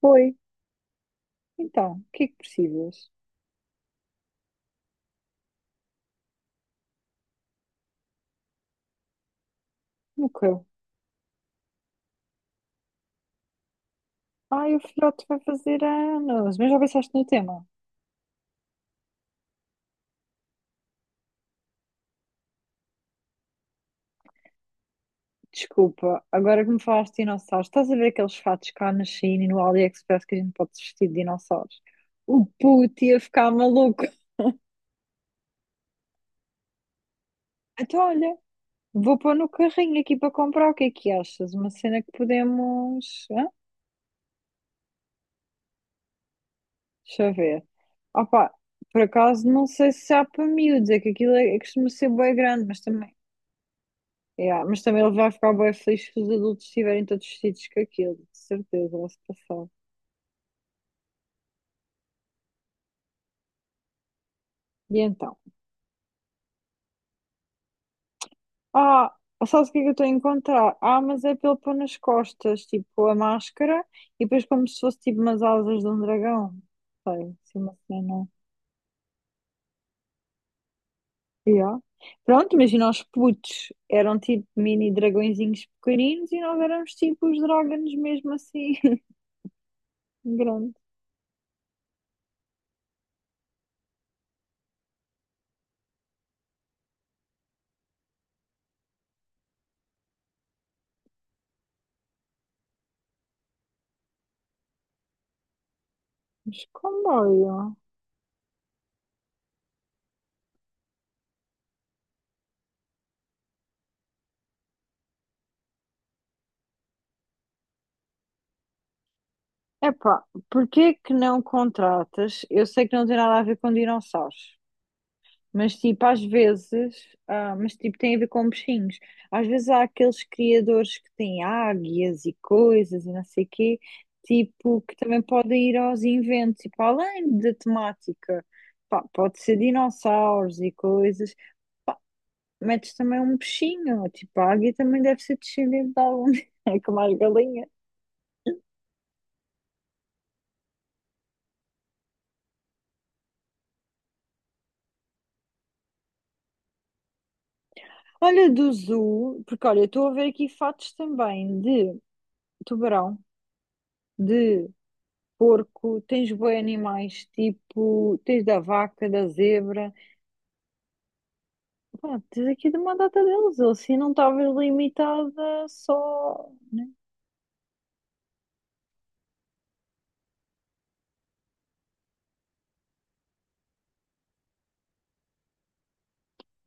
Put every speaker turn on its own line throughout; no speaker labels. Foi. Então, o que é que precisas? Nunca. Ai, o filhote vai fazer anos. Mas já pensaste no tema? Desculpa, agora que me falaste de dinossauros, estás a ver aqueles fatos cá na China e no AliExpress que a gente pode vestir de dinossauros? O puto ia ficar maluco. Então, olha, vou pôr no carrinho aqui para comprar. O que é que achas? Uma cena que podemos. Hã? Deixa eu ver. Opa, por acaso não sei se há para miúdos, é que aquilo é, costuma ser bem grande, mas também. Yeah, mas também ele vai ficar bem feliz se os adultos estiverem todos vestidos com aquilo, de certeza, vai se passar. E então? Ah, Sabes o que é que eu estou a encontrar? Ah, mas é pelo pôr nas costas, tipo a máscara, e depois como se fosse tipo umas asas de um dragão. Sei, se uma cena. Yeah. Pronto, imagina os putos eram tipo mini dragõezinhos pequeninos e nós éramos tipo os dragões mesmo assim, grandes. Mas como Epá, porquê que não contratas? Eu sei que não tem nada a ver com dinossauros, mas tipo, às vezes, mas tipo, tem a ver com bichinhos. Às vezes há aqueles criadores que têm águias e coisas e não sei quê, tipo, que também podem ir aos inventos, tipo, além da temática, pá, pode ser dinossauros e coisas, pá, metes também um bichinho, tipo, a águia também deve ser descendente de algum, é como as galinhas. Olha, do zoo, porque olha, estou a ver aqui fatos também de tubarão, de porco, tens bué animais, tipo, tens da vaca, da zebra, pá, tens aqui de uma data deles, ou assim não estavas limitada só, né?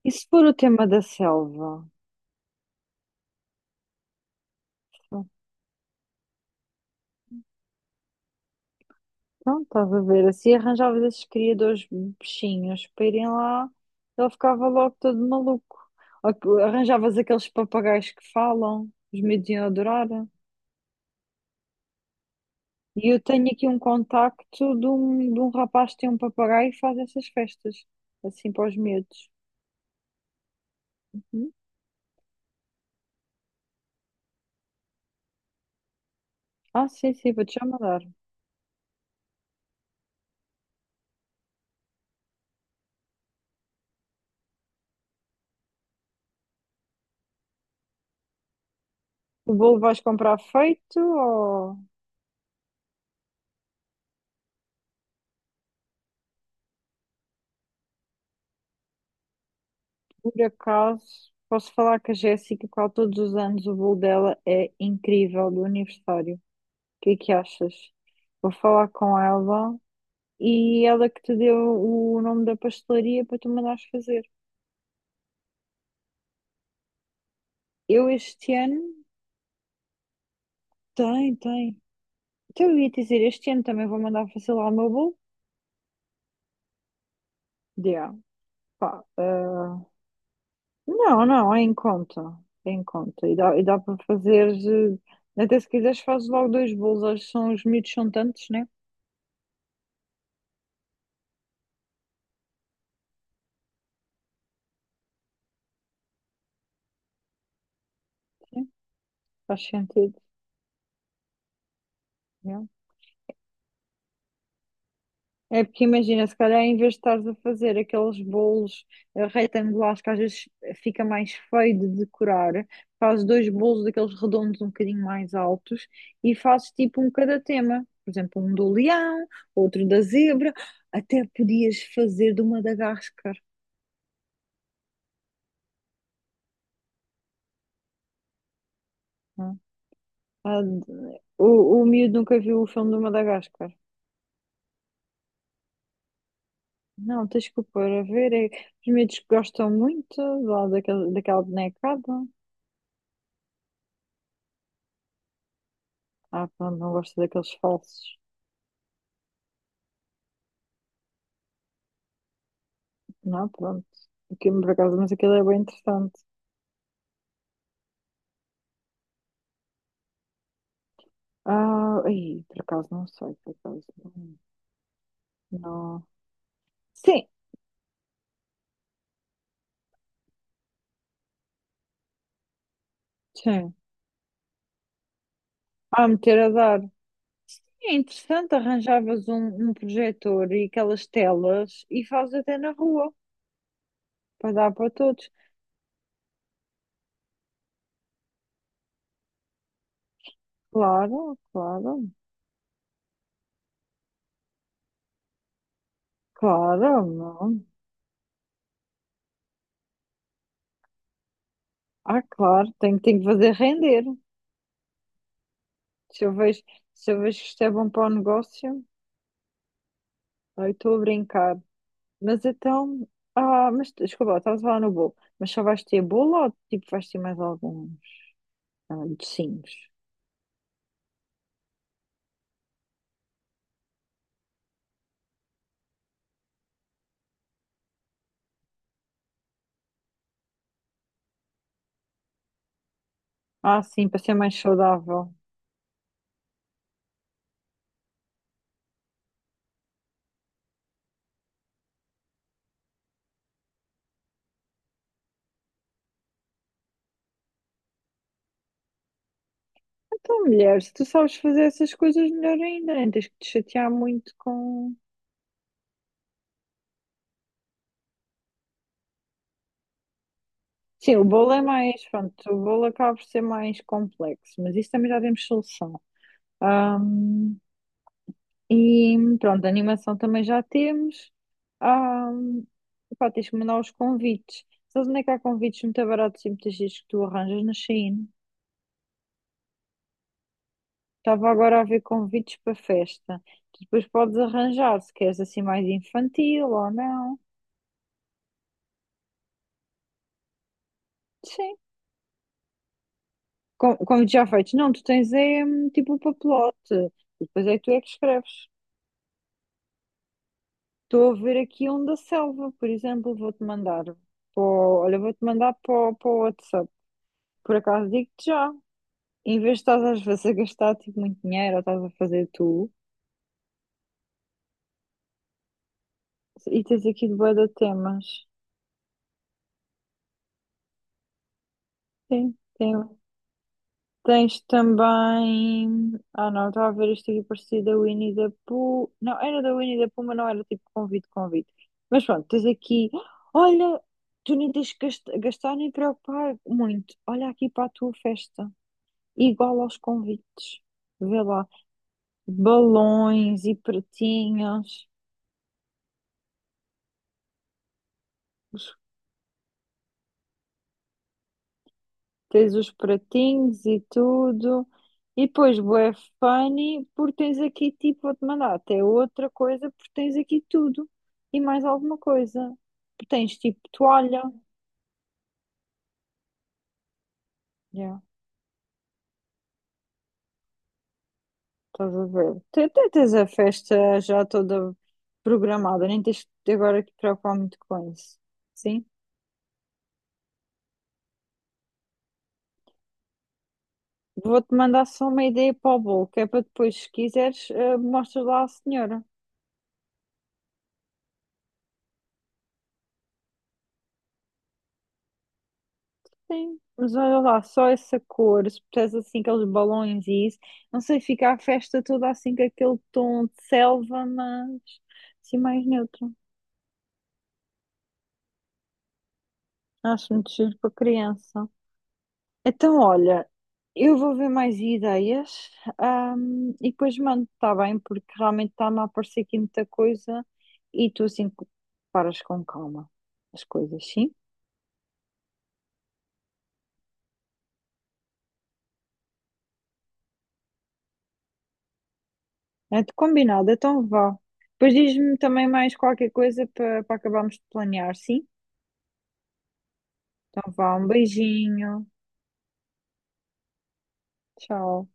E se for o tema da selva? Então estás a ver, assim arranjavas esses criadores bichinhos para irem lá, ele ficava logo todo maluco. Ou que arranjavas aqueles papagaios que falam, os miúdos iam adorar. E eu tenho aqui um contacto de um rapaz que tem um papagaio e faz essas festas, assim para os miúdos. Hum? Ah, sim, sim, vou-te já mandar. O bolo vais comprar feito ou por acaso? Posso falar que a Jéssica, qual todos os anos o bolo dela é incrível do aniversário. O que é que achas? Vou falar com ela e ela que te deu o nome da pastelaria para tu mandares fazer. Eu este ano. Tem, tem. Então eu ia dizer, este ano também vou mandar fazer lá o meu bolo. Yeah, pá, não, não, é em conta, e dá para fazer, até se quiseres fazes logo dois bolos, acho que são, os miúdos são tantos, né? Sim, faz sentido, yeah. É porque imagina, se calhar em vez de estares a fazer aqueles bolos retangulares que às vezes fica mais feio de decorar, fazes dois bolos daqueles redondos um bocadinho mais altos e fazes tipo um cada tema, por exemplo, um do leão, outro da zebra, até podias fazer de uma Madagascar. Ah, d- o, o miúdo nunca viu o filme do Madagascar. Não, tens que o pôr a ver. É, os miúdos que gostam muito lá daquele, daquela bonecada. Ah, pronto, não gosto daqueles falsos. Não, pronto. Aquilo, por acaso, mas aquilo é bem interessante. Ah, ai, por acaso não sei, por acaso não. Não. Sim, sim. Ah, meter a dar. É interessante, arranjavas um projetor e aquelas telas e fazes até na rua, para dar para todos. Claro, claro. Claro, não. Ah, claro, tenho, tenho que fazer render. Se eu vejo, se eu vejo que isto é bom para o negócio, eu estou a brincar. Mas então, mas desculpa, lá, estavas a falar no bolo. Mas só vais ter bolo ou tipo vais ter mais alguns docinhos? Ah, sim, para ser mais saudável. Então, mulher, se tu sabes fazer essas coisas melhor ainda, nem tens que te chatear muito com. Sim, o bolo é mais, pronto, o bolo acaba por ser mais complexo, mas isso também já temos solução. E pronto, a animação também já temos. Ah, Pá, tens que mandar os convites. Sabes onde é que há convites muito baratos e muitas vezes que tu arranjas na Shein? Estava agora a ver convites para festa. Tu depois podes arranjar se queres assim mais infantil ou não. Sim, convites já feitos. Não, tu tens é tipo o papelote. E depois é que tu é que escreves. Estou a ver aqui um da Selva, por exemplo, vou-te mandar. Para olha, vou-te mandar para o WhatsApp. Por acaso digo-te já. Em vez de estás às vezes a gastar tipo, muito dinheiro ou estás a fazer tu, e tens aqui de bué de temas. Sim, tem. Tens também. Ah, não, estava a ver isto aqui parecido da Winnie the Pooh. Não, era da Winnie the Pooh, mas não era tipo convite, convite. Mas pronto, tens aqui. Olha, tu nem tens que gastar nem preocupar muito. Olha aqui para a tua festa. Igual aos convites. Vê lá. Balões e pratinhas. Tens os pratinhos e tudo. E depois, bué funny, porque tens aqui, tipo, vou-te mandar até outra coisa, porque tens aqui tudo e mais alguma coisa. Tens, tipo, toalha, yeah, estás a ver. Até tens a festa já toda programada, nem tens de agora que te preocupar muito com isso. Sim? Vou-te mandar só uma ideia para o bolo, que é para depois, se quiseres, mostras lá à senhora. Sim, mas olha lá, só essa cor, se puseres assim aqueles balões e isso, não sei, fica a festa toda assim com aquele tom de selva, mas assim mais neutro. Acho muito giro para criança. Então, olha, eu vou ver mais ideias, e depois mando, está bem? Porque realmente está-me a aparecer aqui muita coisa e tu assim paras com calma as coisas, sim? É de combinado, então vá. Depois diz-me também mais qualquer coisa para acabarmos de planear, sim? Então, vá, um beijinho. Tchau.